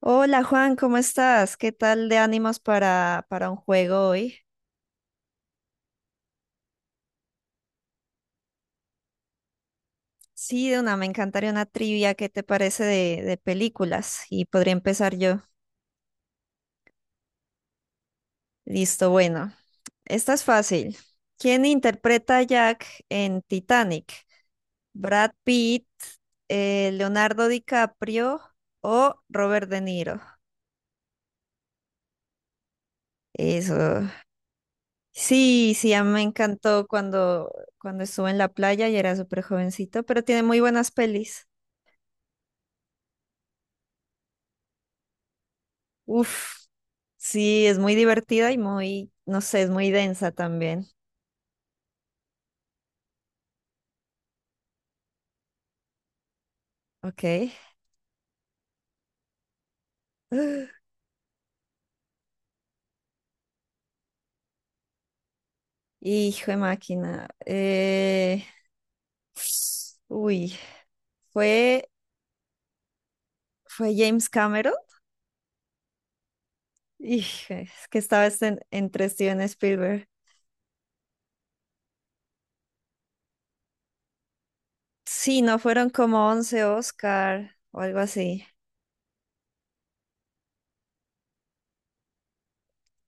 Hola Juan, ¿cómo estás? ¿Qué tal de ánimos para un juego hoy? Sí, de una, me encantaría una trivia. ¿Qué te parece de películas? Y podría empezar yo. Listo, bueno. Esta es fácil. ¿Quién interpreta a Jack en Titanic? ¿Brad Pitt, Leonardo DiCaprio o Robert De Niro? Eso. Sí, sí, a mí me encantó cuando estuve en la playa y era súper jovencito, pero tiene muy buenas pelis. Uf, sí, es muy divertida y muy, no sé, es muy densa también. Ok. Hijo de máquina. Uy, fue, Fue James Cameron. Hijo, es que estaba entre Steven Spielberg. Sí, no fueron como once Oscar o algo así.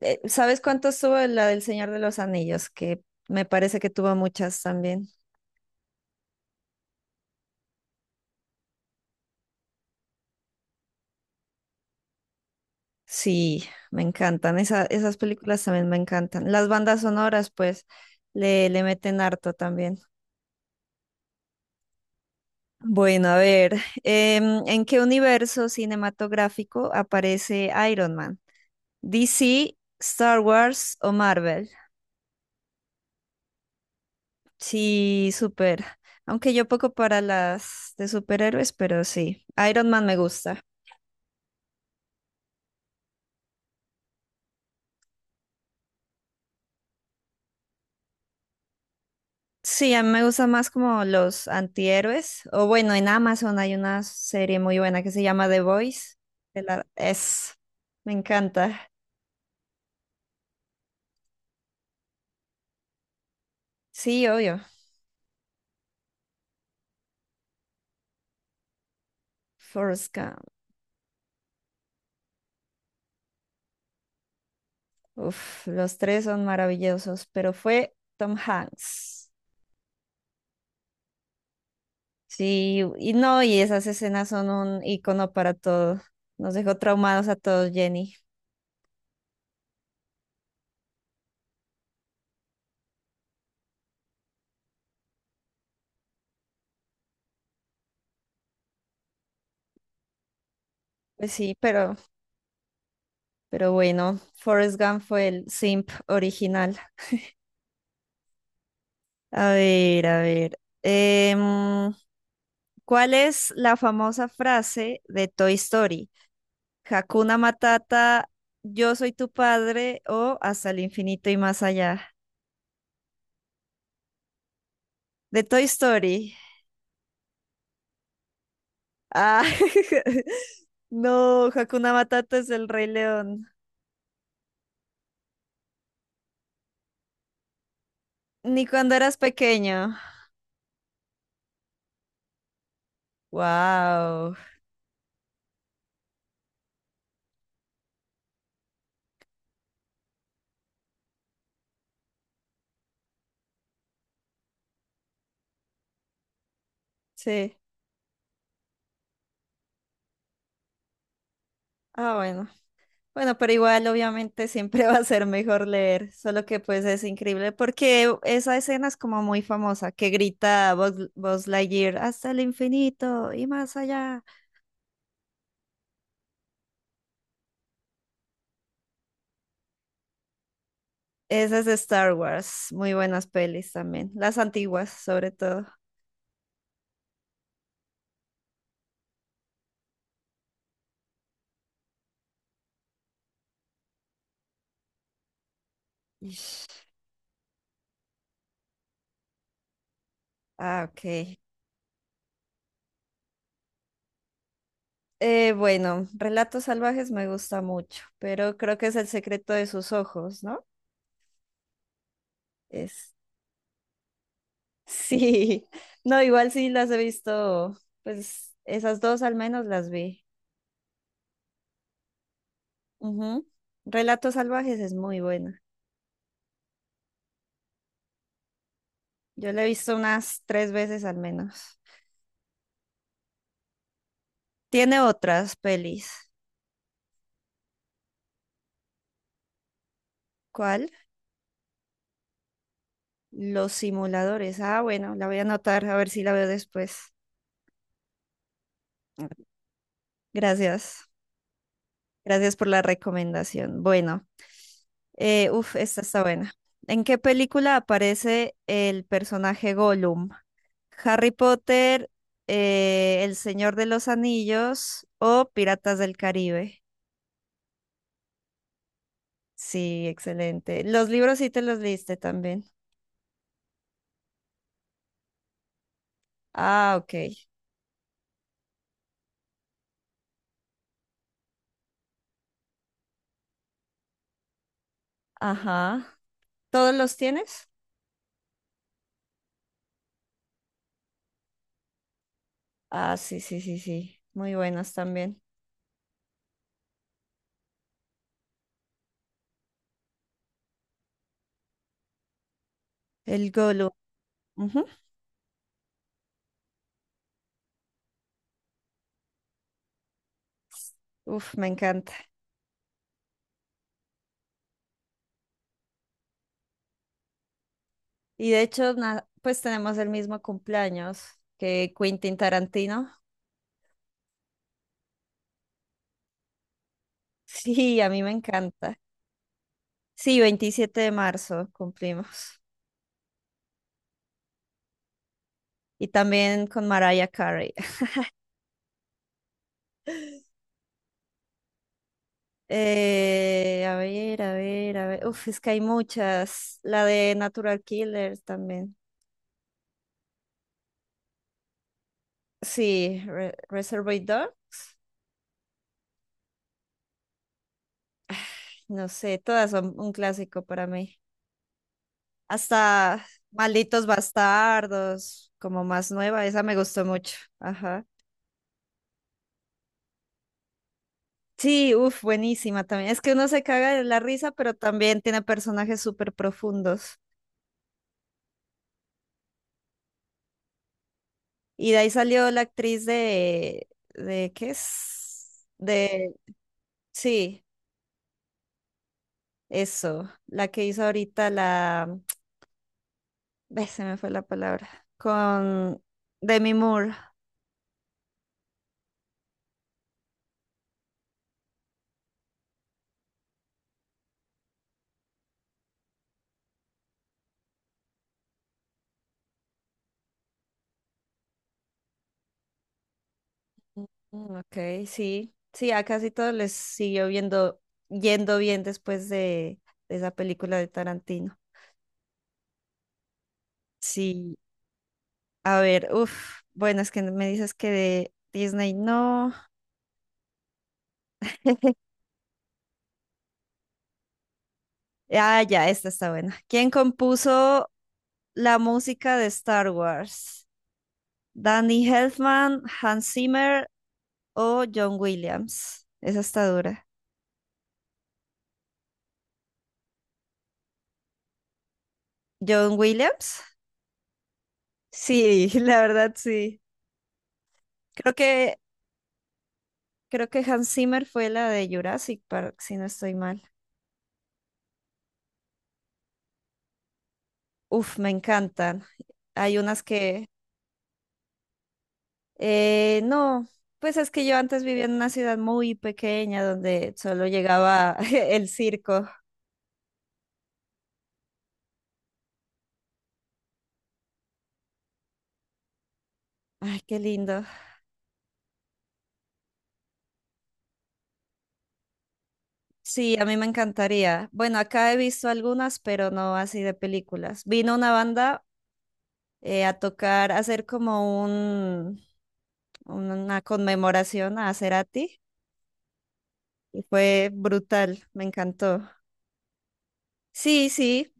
¿Sabes cuántos tuvo la del Señor de los Anillos? Que me parece que tuvo muchas también. Sí, me encantan. Esas películas también me encantan. Las bandas sonoras, pues, le meten harto también. Bueno, a ver, ¿en qué universo cinematográfico aparece Iron Man? ¿DC, Star Wars o Marvel? Sí, súper. Aunque yo poco para las de superhéroes, pero sí. Iron Man me gusta. Sí, a mí me gustan más como los antihéroes. O bueno, en Amazon hay una serie muy buena que se llama The Voice. que la- Es, Me encanta. Sí, obvio. Forrest Gump. Uf, los tres son maravillosos, pero fue Tom Hanks. Sí, y no, y esas escenas son un icono para todo. Nos dejó traumados a todos, Jenny. Pues sí, pero bueno, Forrest Gump fue el simp original. A ver, a ver. ¿Cuál es la famosa frase de Toy Story? Hakuna Matata, yo soy tu padre o hasta el infinito y más allá. De Toy Story. Ah, no, Hakuna Matata es el Rey León. ¿Ni cuando eras pequeño? Wow. Sí. Ah, bueno. Bueno, pero igual obviamente siempre va a ser mejor leer, solo que pues es increíble porque esa escena es como muy famosa, que grita Buzz Lightyear hasta el infinito y más allá. Esa es de Star Wars, muy buenas pelis también, las antiguas sobre todo. Ish. Ah, ok. Bueno, Relatos Salvajes me gusta mucho, pero creo que es El secreto de sus ojos, ¿no? Es... Sí, no, igual sí las he visto, pues esas dos al menos las vi. Ujú. Relatos salvajes es muy buena. Yo la he visto unas tres veces al menos. Tiene otras pelis. ¿Cuál? Los simuladores. Ah, bueno, la voy a anotar a ver si la veo después. Gracias. Gracias por la recomendación. Bueno, uf, esta está buena. ¿En qué película aparece el personaje Gollum? ¿Harry Potter, El Señor de los Anillos o Piratas del Caribe? Sí, excelente. Los libros sí te los leíste también. Ah, ok. Ajá. ¿Todos los tienes? Ah, sí, sí, sí, sí. Muy buenos también. El Golo. Ujú. Uf, me encanta. Y de hecho, pues tenemos el mismo cumpleaños que Quentin Tarantino. Sí, a mí me encanta. Sí, 27 de marzo cumplimos. Y también con Mariah Carey. A ver, a ver, a ver. Uf, es que hay muchas. La de Natural Killer también. Sí, Reservoir Dogs, no sé, todas son un clásico para mí. Hasta Malditos Bastardos, como más nueva, esa me gustó mucho. Ajá. Sí, uff, buenísima también. Es que uno se caga de la risa, pero también tiene personajes súper profundos. Y de ahí salió la actriz ¿qué es? De, sí, eso, la que hizo ahorita la, ve, se me fue la palabra, con Demi Moore. Mm, ok, sí, sí, a casi todos les yendo bien después de esa película de Tarantino. Sí, a ver, uff, bueno, es que me dices que de Disney no. Ah, ya, esta está buena. ¿Quién compuso la música de Star Wars? ¿Danny Elfman, Hans Zimmer o John Williams? Esa está dura. ¿John Williams? Sí, la verdad sí. Creo que Creo que Hans Zimmer fue la de Jurassic Park, si no estoy mal. Uf, me encantan. Hay unas que, no, pues es que yo antes vivía en una ciudad muy pequeña donde solo llegaba el circo. Ay, qué lindo. Sí, a mí me encantaría. Bueno, acá he visto algunas, pero no así de películas. Vino una banda a tocar, a hacer como un, una conmemoración a Cerati y fue brutal, me encantó. Sí, sí.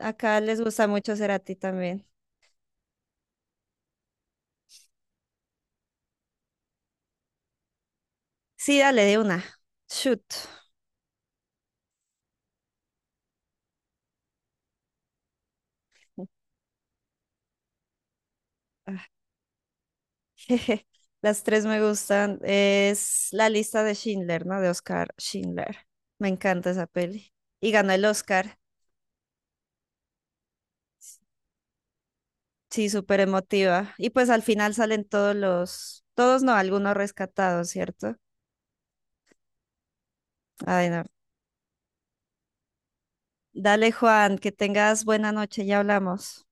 Acá les gusta mucho Cerati también. Sí, dale de una. Shoot. Ah, las tres me gustan. Es la lista de Schindler, ¿no? De Oscar Schindler. Me encanta esa peli. Y ganó el Oscar. Sí, súper emotiva. Y pues al final salen todos los, todos no, algunos rescatados, ¿cierto? Ay, no. Dale, Juan, que tengas buena noche, ya hablamos.